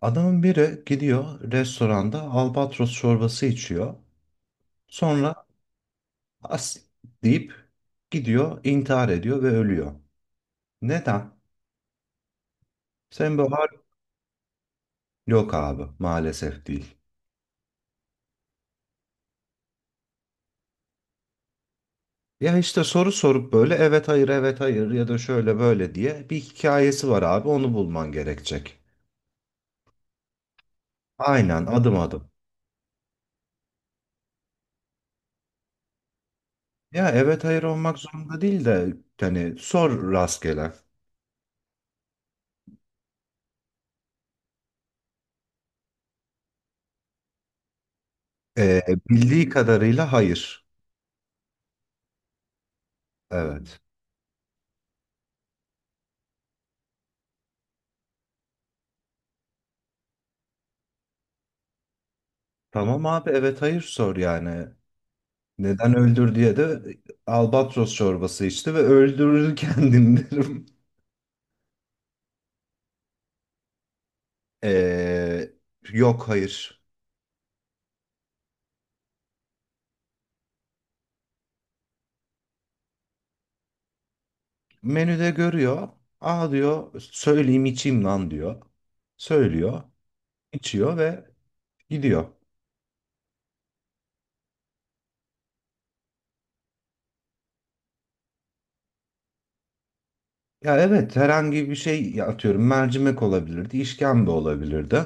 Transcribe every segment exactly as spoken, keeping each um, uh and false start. Adamın biri gidiyor restoranda albatros çorbası içiyor. Sonra as deyip gidiyor, intihar ediyor ve ölüyor. Neden? Sen bu har yok abi maalesef değil. Ya işte soru sorup böyle evet hayır evet hayır ya da şöyle böyle diye bir hikayesi var abi onu bulman gerekecek. Aynen adım adım. Ya evet hayır olmak zorunda değil de hani sor rastgele. Ee, Bildiği kadarıyla hayır. Evet. Tamam abi evet hayır sor yani. Neden öldür diye de albatros çorbası içti ve öldürür kendini derim. Ee, Yok hayır. Menüde görüyor. Aa diyor söyleyeyim içeyim lan diyor. Söylüyor, içiyor ve gidiyor. Ya evet herhangi bir şey ya atıyorum mercimek olabilirdi, işkembe olabilirdi.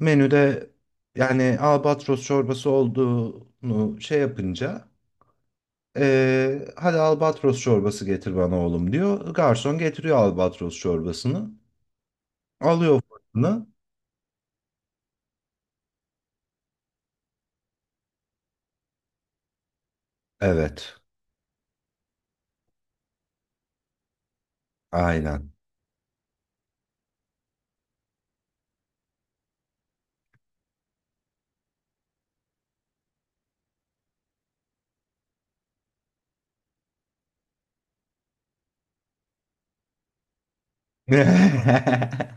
Menüde yani albatros çorbası olduğunu şey yapınca Ee, hadi albatros çorbası getir bana oğlum diyor. Garson getiriyor albatros çorbasını. Alıyor fırını. Evet. Aynen.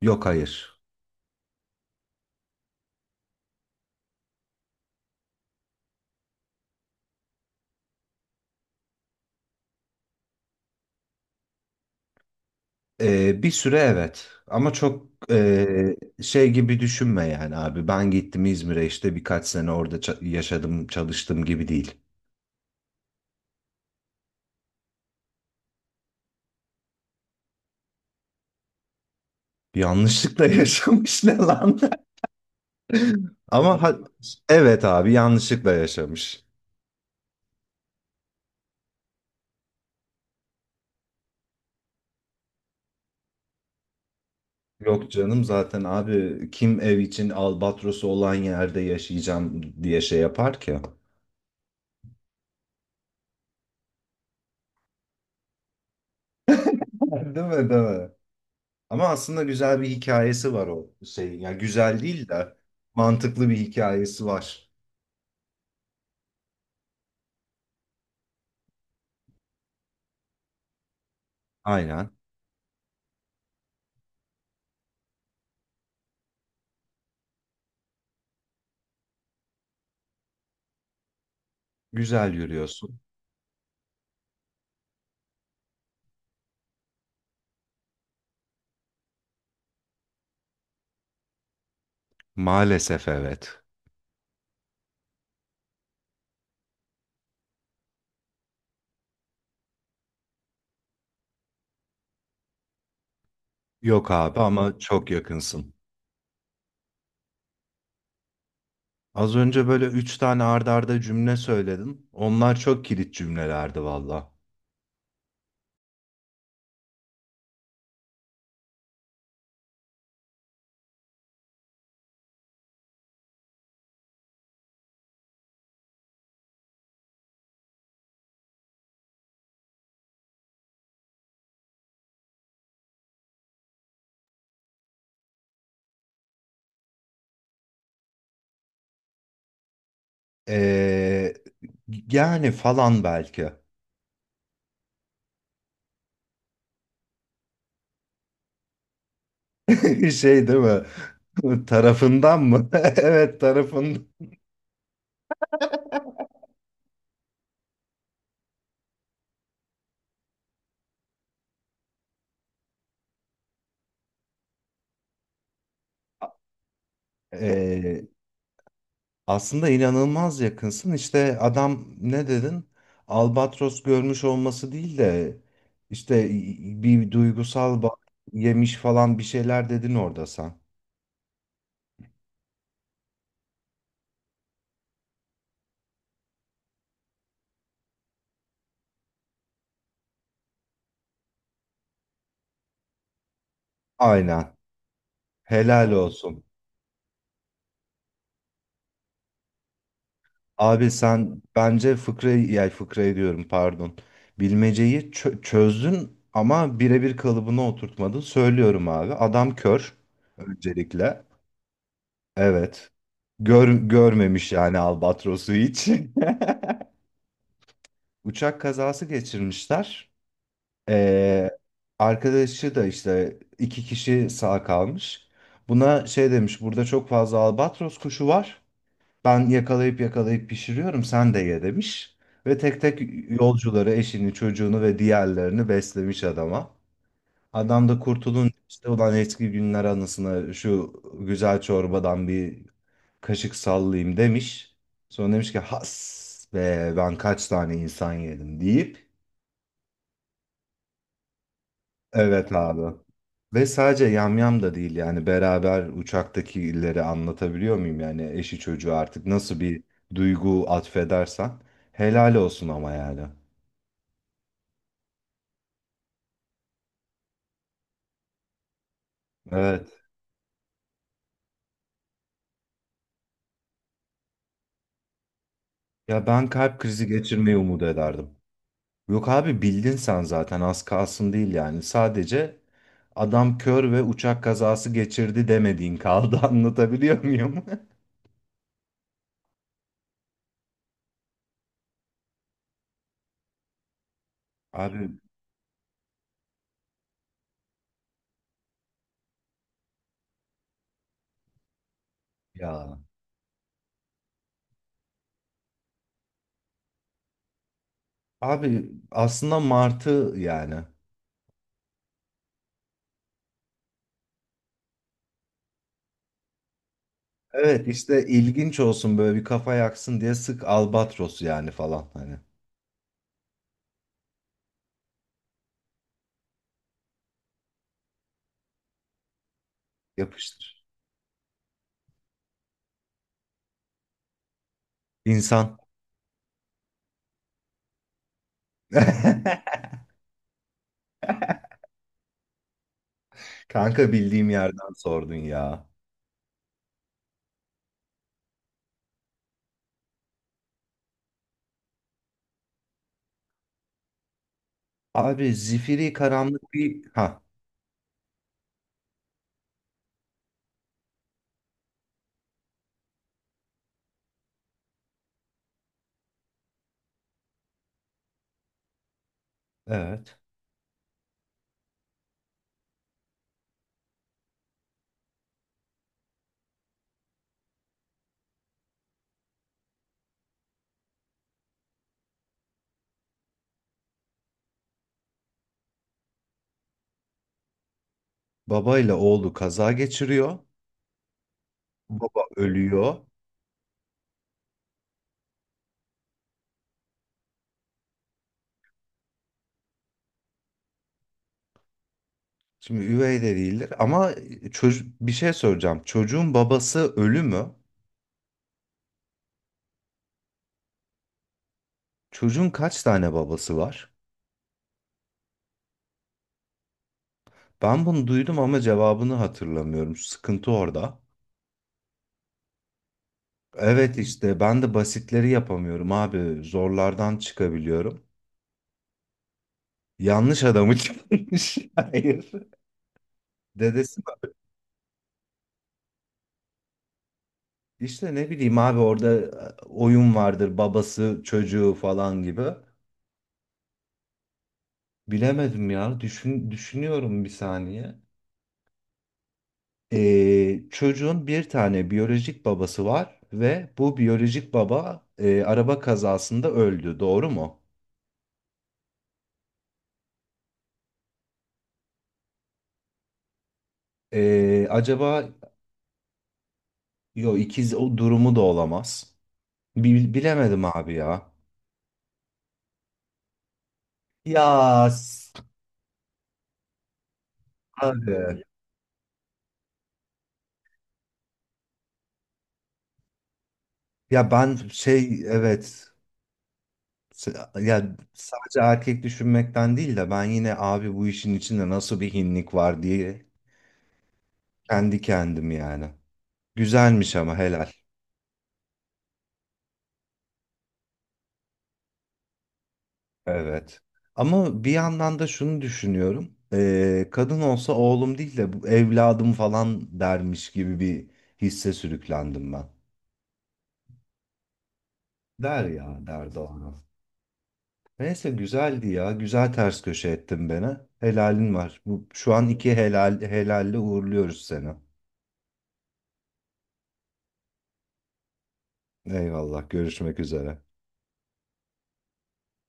Yok hayır. Ee, bir süre evet. Ama çok ee, şey gibi düşünme yani abi. Ben gittim İzmir'e işte birkaç sene orada ça- yaşadım çalıştım gibi değil. Yanlışlıkla yaşamış ne lan? Ama ha- evet abi yanlışlıkla yaşamış. Yok canım zaten abi kim ev için albatrosu olan yerde yaşayacağım diye şey yapar ki. Değil mi, değil mi? Ama aslında güzel bir hikayesi var o şeyin. Yani güzel değil de mantıklı bir hikayesi var. Aynen. Güzel yürüyorsun. Maalesef evet. Yok abi ama çok yakınsın. Az önce böyle üç tane arda arda cümle söyledim. Onlar çok kilit cümlelerdi valla. Ee, yani falan belki. Şey değil mi? Tarafından mı? Evet tarafından. Ee, aslında inanılmaz yakınsın. İşte adam ne dedin? Albatros görmüş olması değil de işte bir duygusal bağ yemiş falan bir şeyler dedin orada sen. Aynen. Helal olsun. Abi sen bence fıkrayı, yani fıkrayı diyorum pardon. Bilmeceyi çö- çözdün ama birebir kalıbına oturtmadın. Söylüyorum abi. Adam kör öncelikle. Evet. Gör, görmemiş yani albatrosu hiç. Uçak kazası geçirmişler. Ee, arkadaşı da işte iki kişi sağ kalmış. Buna şey demiş, burada çok fazla albatros kuşu var. Ben yakalayıp yakalayıp pişiriyorum, sen de ye demiş. Ve tek tek yolcuları, eşini, çocuğunu ve diğerlerini beslemiş adama. Adam da kurtulun işte ulan eski günler anısına şu güzel çorbadan bir kaşık sallayayım demiş. Sonra demiş ki has be ben kaç tane insan yedim deyip evet abi. Ve sadece yamyam da değil yani beraber uçaktakileri anlatabiliyor muyum yani eşi çocuğu artık nasıl bir duygu atfedersen helal olsun ama yani. Evet. Ya ben kalp krizi geçirmeyi umut ederdim. Yok abi bildin sen zaten az kalsın değil yani. Sadece adam kör ve uçak kazası geçirdi demediğin kaldı anlatabiliyor muyum? Abi ya. Abi aslında martı yani. Evet işte ilginç olsun böyle bir kafa yaksın diye sık albatros yani falan hani. Yapıştır. İnsan. Kanka bildiğim yerden sordun ya. Abi zifiri karanlık bir... Ha evet. Baba ile oğlu kaza geçiriyor. Baba ölüyor. Şimdi üvey de değildir ama çocuk bir şey soracağım. Çocuğun babası ölü mü? Çocuğun kaç tane babası var? Ben bunu duydum ama cevabını hatırlamıyorum. Sıkıntı orada. Evet işte ben de basitleri yapamıyorum abi. Zorlardan çıkabiliyorum. Yanlış adamı çıkmış. Hayır. Dedesi mi? İşte ne bileyim abi orada e, oyun vardır babası çocuğu falan gibi. Bilemedim ya. Düşün, düşünüyorum bir saniye. Ee, çocuğun bir tane biyolojik babası var ve bu biyolojik baba e, araba kazasında öldü. Doğru mu? Ee, acaba Yo ikiz o durumu da olamaz. Bi- bilemedim abi ya. Ya s- abi. Ya ben şey evet S- ya sadece erkek düşünmekten değil de ben yine abi bu işin içinde nasıl bir hinlik var diye kendi kendim yani. Güzelmiş ama helal. Evet. Ama bir yandan da şunu düşünüyorum. Ee, kadın olsa oğlum değil de bu evladım falan dermiş gibi bir hisse sürüklendim ben. Der ya der doğru. Neyse güzeldi ya. Güzel ters köşe ettin beni. Helalin var. Bu, şu an iki helal, helalle uğurluyoruz seni. Eyvallah. Görüşmek üzere.